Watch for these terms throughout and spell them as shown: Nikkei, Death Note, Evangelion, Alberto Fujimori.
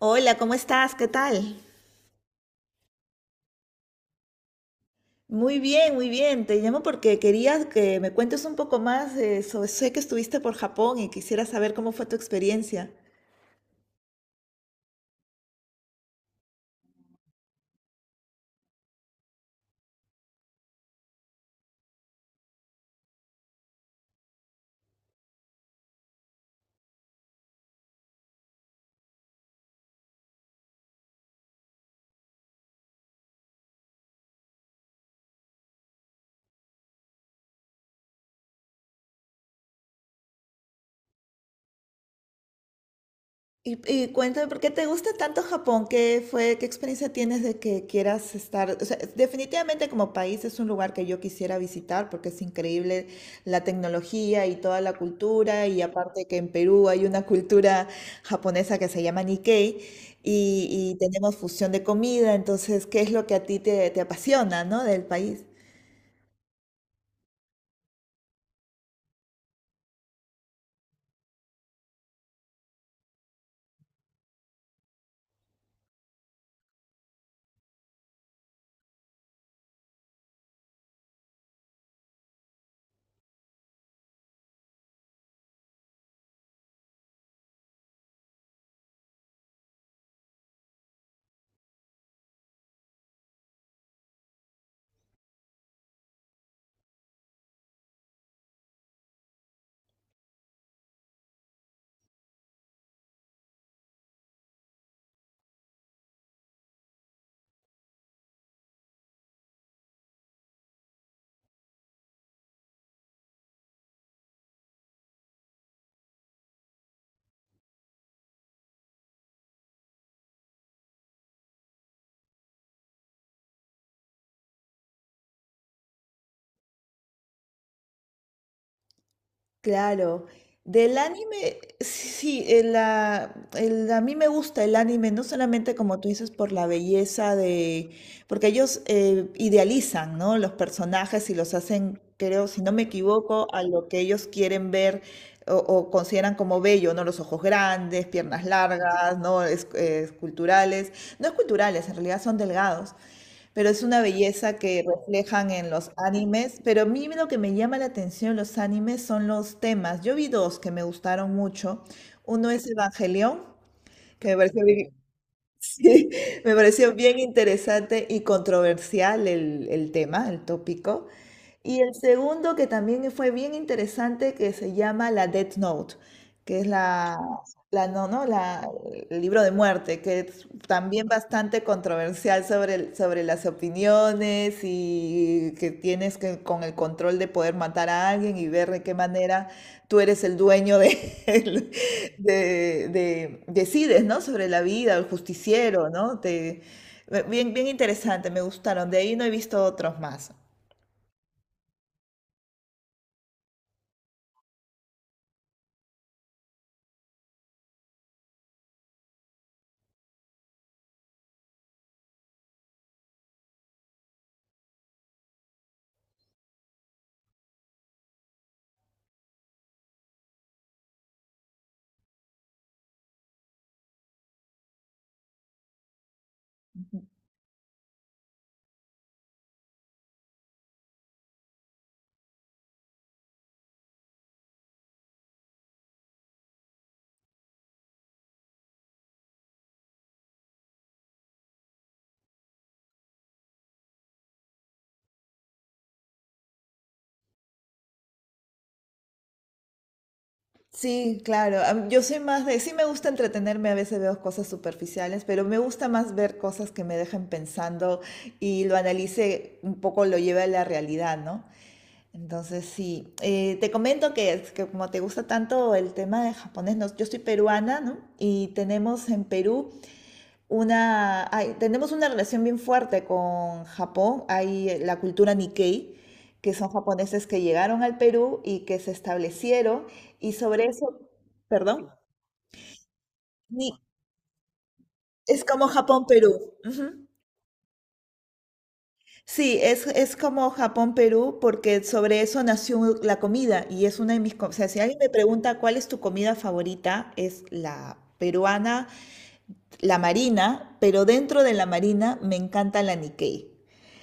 Hola, ¿cómo estás? ¿Qué tal? Muy bien, muy bien. Te llamo porque quería que me cuentes un poco más de eso. Sé que estuviste por Japón y quisiera saber cómo fue tu experiencia. Y cuéntame, ¿por qué te gusta tanto Japón? ¿ qué experiencia tienes de que quieras estar? O sea, definitivamente como país es un lugar que yo quisiera visitar porque es increíble la tecnología y toda la cultura, y aparte que en Perú hay una cultura japonesa que se llama Nikkei, y tenemos fusión de comida. Entonces, ¿qué es lo que a ti te apasiona, ¿no? del país? Claro. Del anime, sí, sí, a mí me gusta el anime, no solamente como tú dices, por la belleza de, porque ellos idealizan, ¿no? Los personajes, y los hacen, creo, si no me equivoco, a lo que ellos quieren ver o consideran como bello, ¿no? Los ojos grandes, piernas largas, ¿no? Esculturales, no esculturales, en realidad son delgados. Pero es una belleza que reflejan en los animes. Pero a mí lo que me llama la atención en los animes son los temas. Yo vi dos que me gustaron mucho. Uno es Evangelion, que me pareció bien, sí, me pareció bien interesante y controversial el tema, el tópico. Y el segundo que también fue bien interesante, que se llama la Death Note, que es la, la no, no, la el libro de muerte, que es también bastante controversial sobre, sobre las opiniones, y que tienes que con el control de poder matar a alguien y ver de qué manera tú eres el dueño de, decides, ¿no? Sobre la vida, el justiciero, ¿no? Te, bien, bien interesante, me gustaron. De ahí no he visto otros más. Sí, claro. Yo soy más de, sí me gusta entretenerme, a veces veo cosas superficiales, pero me gusta más ver cosas que me dejen pensando y lo analice un poco, lo lleve a la realidad, ¿no? Entonces, sí. Te comento que, es que como te gusta tanto el tema de japonés, yo soy peruana, ¿no? Y tenemos en Perú una, tenemos una relación bien fuerte con Japón. Hay la cultura Nikkei, que son japoneses que llegaron al Perú y que se establecieron. Y sobre eso, perdón, Ni- es como Japón-Perú. Ujú. Sí, es como Japón-Perú, porque sobre eso nació la comida y es una de mis... O sea, si alguien me pregunta cuál es tu comida favorita, es la peruana, la marina, pero dentro de la marina me encanta la Nikkei.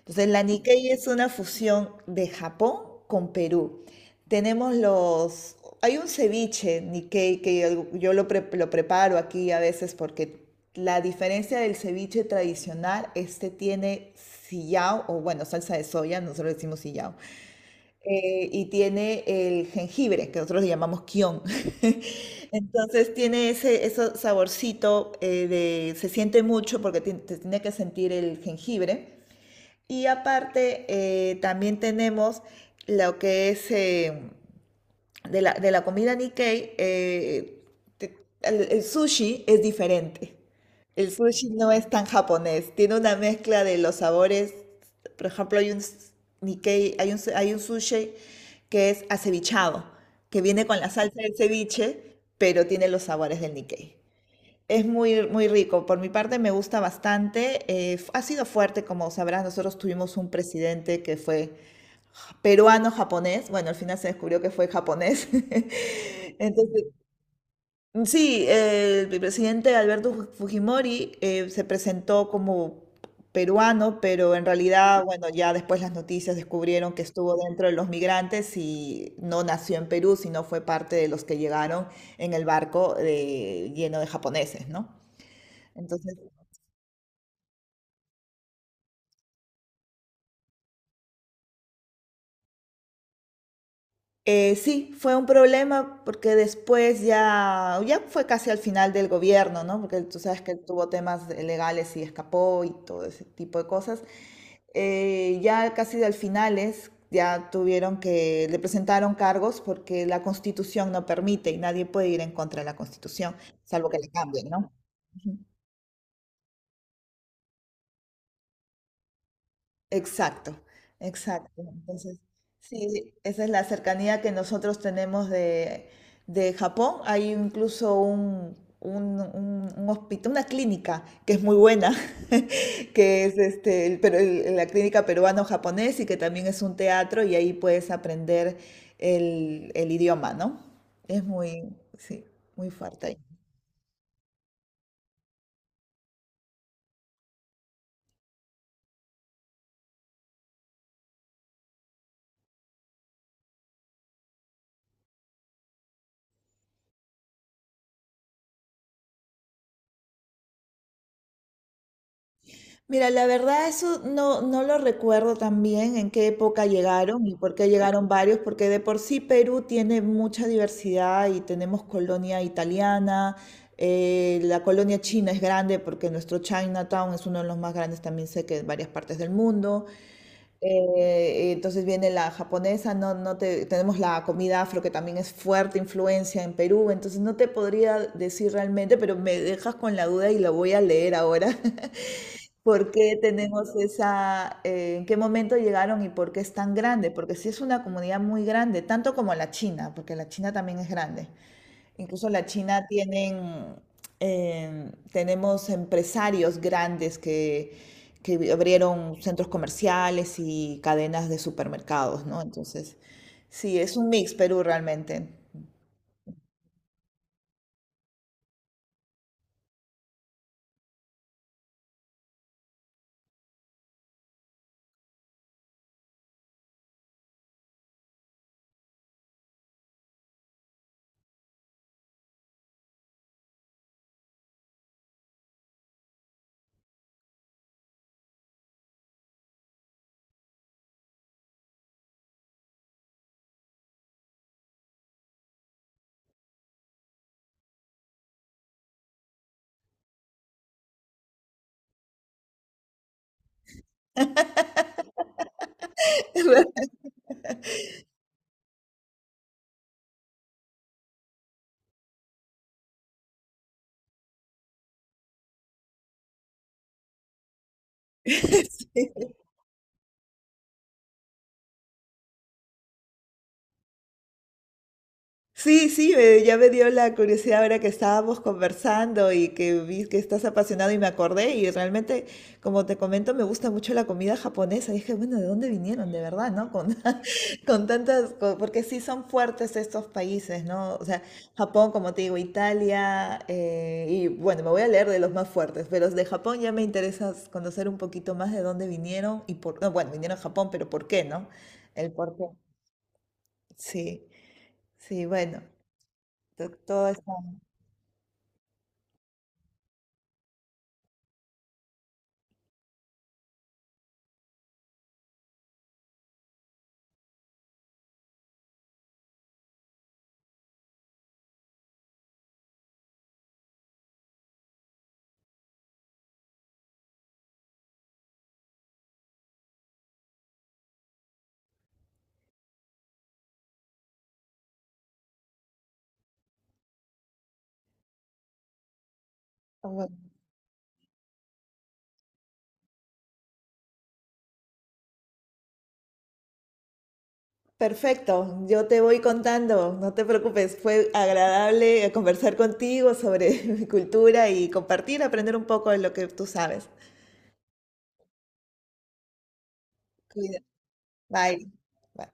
Entonces, la Nikkei es una fusión de Japón con Perú. Tenemos los... Hay un ceviche Nikkei que yo, lo preparo aquí a veces porque la diferencia del ceviche tradicional, este tiene sillao, o bueno, salsa de soya, nosotros decimos sillao, y tiene el jengibre, que nosotros le llamamos kion. Entonces tiene ese, ese saborcito de, se siente mucho porque te tiene que sentir el jengibre. Y aparte, también tenemos lo que es de la comida Nikkei, el sushi es diferente. El sushi no es tan japonés, tiene una mezcla de los sabores. Por ejemplo, Nikkei, hay un sushi que es acevichado, que viene con la salsa del ceviche, pero tiene los sabores del Nikkei. Es muy, muy rico. Por mi parte me gusta bastante. Ha sido fuerte, como sabrás, nosotros tuvimos un presidente que fue peruano-japonés. Bueno, al final se descubrió que fue japonés. Entonces, sí, el presidente Alberto Fujimori se presentó como peruano, pero en realidad, bueno, ya después las noticias descubrieron que estuvo dentro de los migrantes y no nació en Perú, sino fue parte de los que llegaron en el barco lleno de japoneses, ¿no? Entonces, sí, fue un problema porque después ya, ya fue casi al final del gobierno, ¿no? Porque tú sabes que él tuvo temas legales y escapó y todo ese tipo de cosas. Ya casi al finales ya tuvieron que, le presentaron cargos porque la Constitución no permite y nadie puede ir en contra de la Constitución, salvo que la cambien, ¿no? Exacto, exacto. Entonces, sí, esa es la cercanía que nosotros tenemos de Japón. Hay incluso un hospital, una clínica que es muy buena, que es este, la clínica peruano-japonés, y que también es un teatro, y ahí puedes aprender el idioma, ¿no? Es muy, sí, muy fuerte. Mira, la verdad eso no, no lo recuerdo tan bien, en qué época llegaron y por qué llegaron varios, porque de por sí Perú tiene mucha diversidad y tenemos colonia italiana, la colonia china es grande porque nuestro Chinatown es uno de los más grandes, también sé que en varias partes del mundo. Entonces viene la japonesa, no, no te, tenemos la comida afro que también es fuerte influencia en Perú, entonces no te podría decir realmente, pero me dejas con la duda y la voy a leer ahora. ¿Por qué tenemos esa, en qué momento llegaron y por qué es tan grande? Porque sí es una comunidad muy grande, tanto como la China, porque la China también es grande. Incluso la China tienen, tenemos empresarios grandes que abrieron centros comerciales y cadenas de supermercados, ¿no? Entonces, sí, es un mix Perú realmente. Sí. Sí, sí, ya me dio la curiosidad ahora que estábamos conversando y que vi que estás apasionado y me acordé, y realmente, como te comento, me gusta mucho la comida japonesa. Y dije, bueno, ¿de dónde vinieron? De verdad, ¿no? Con, con tantas, porque sí son fuertes estos países, ¿no? O sea, Japón, como te digo, Italia, y bueno, me voy a leer de los más fuertes, pero de Japón ya me interesa conocer un poquito más de dónde vinieron y por, no, bueno, vinieron a Japón, pero ¿por qué, no? El por qué. Sí, sí, bueno todo. Bueno. Perfecto, yo te voy contando, no te preocupes, fue agradable conversar contigo sobre mi cultura y compartir, aprender un poco de lo que tú sabes. Cuida. Bye. Bye.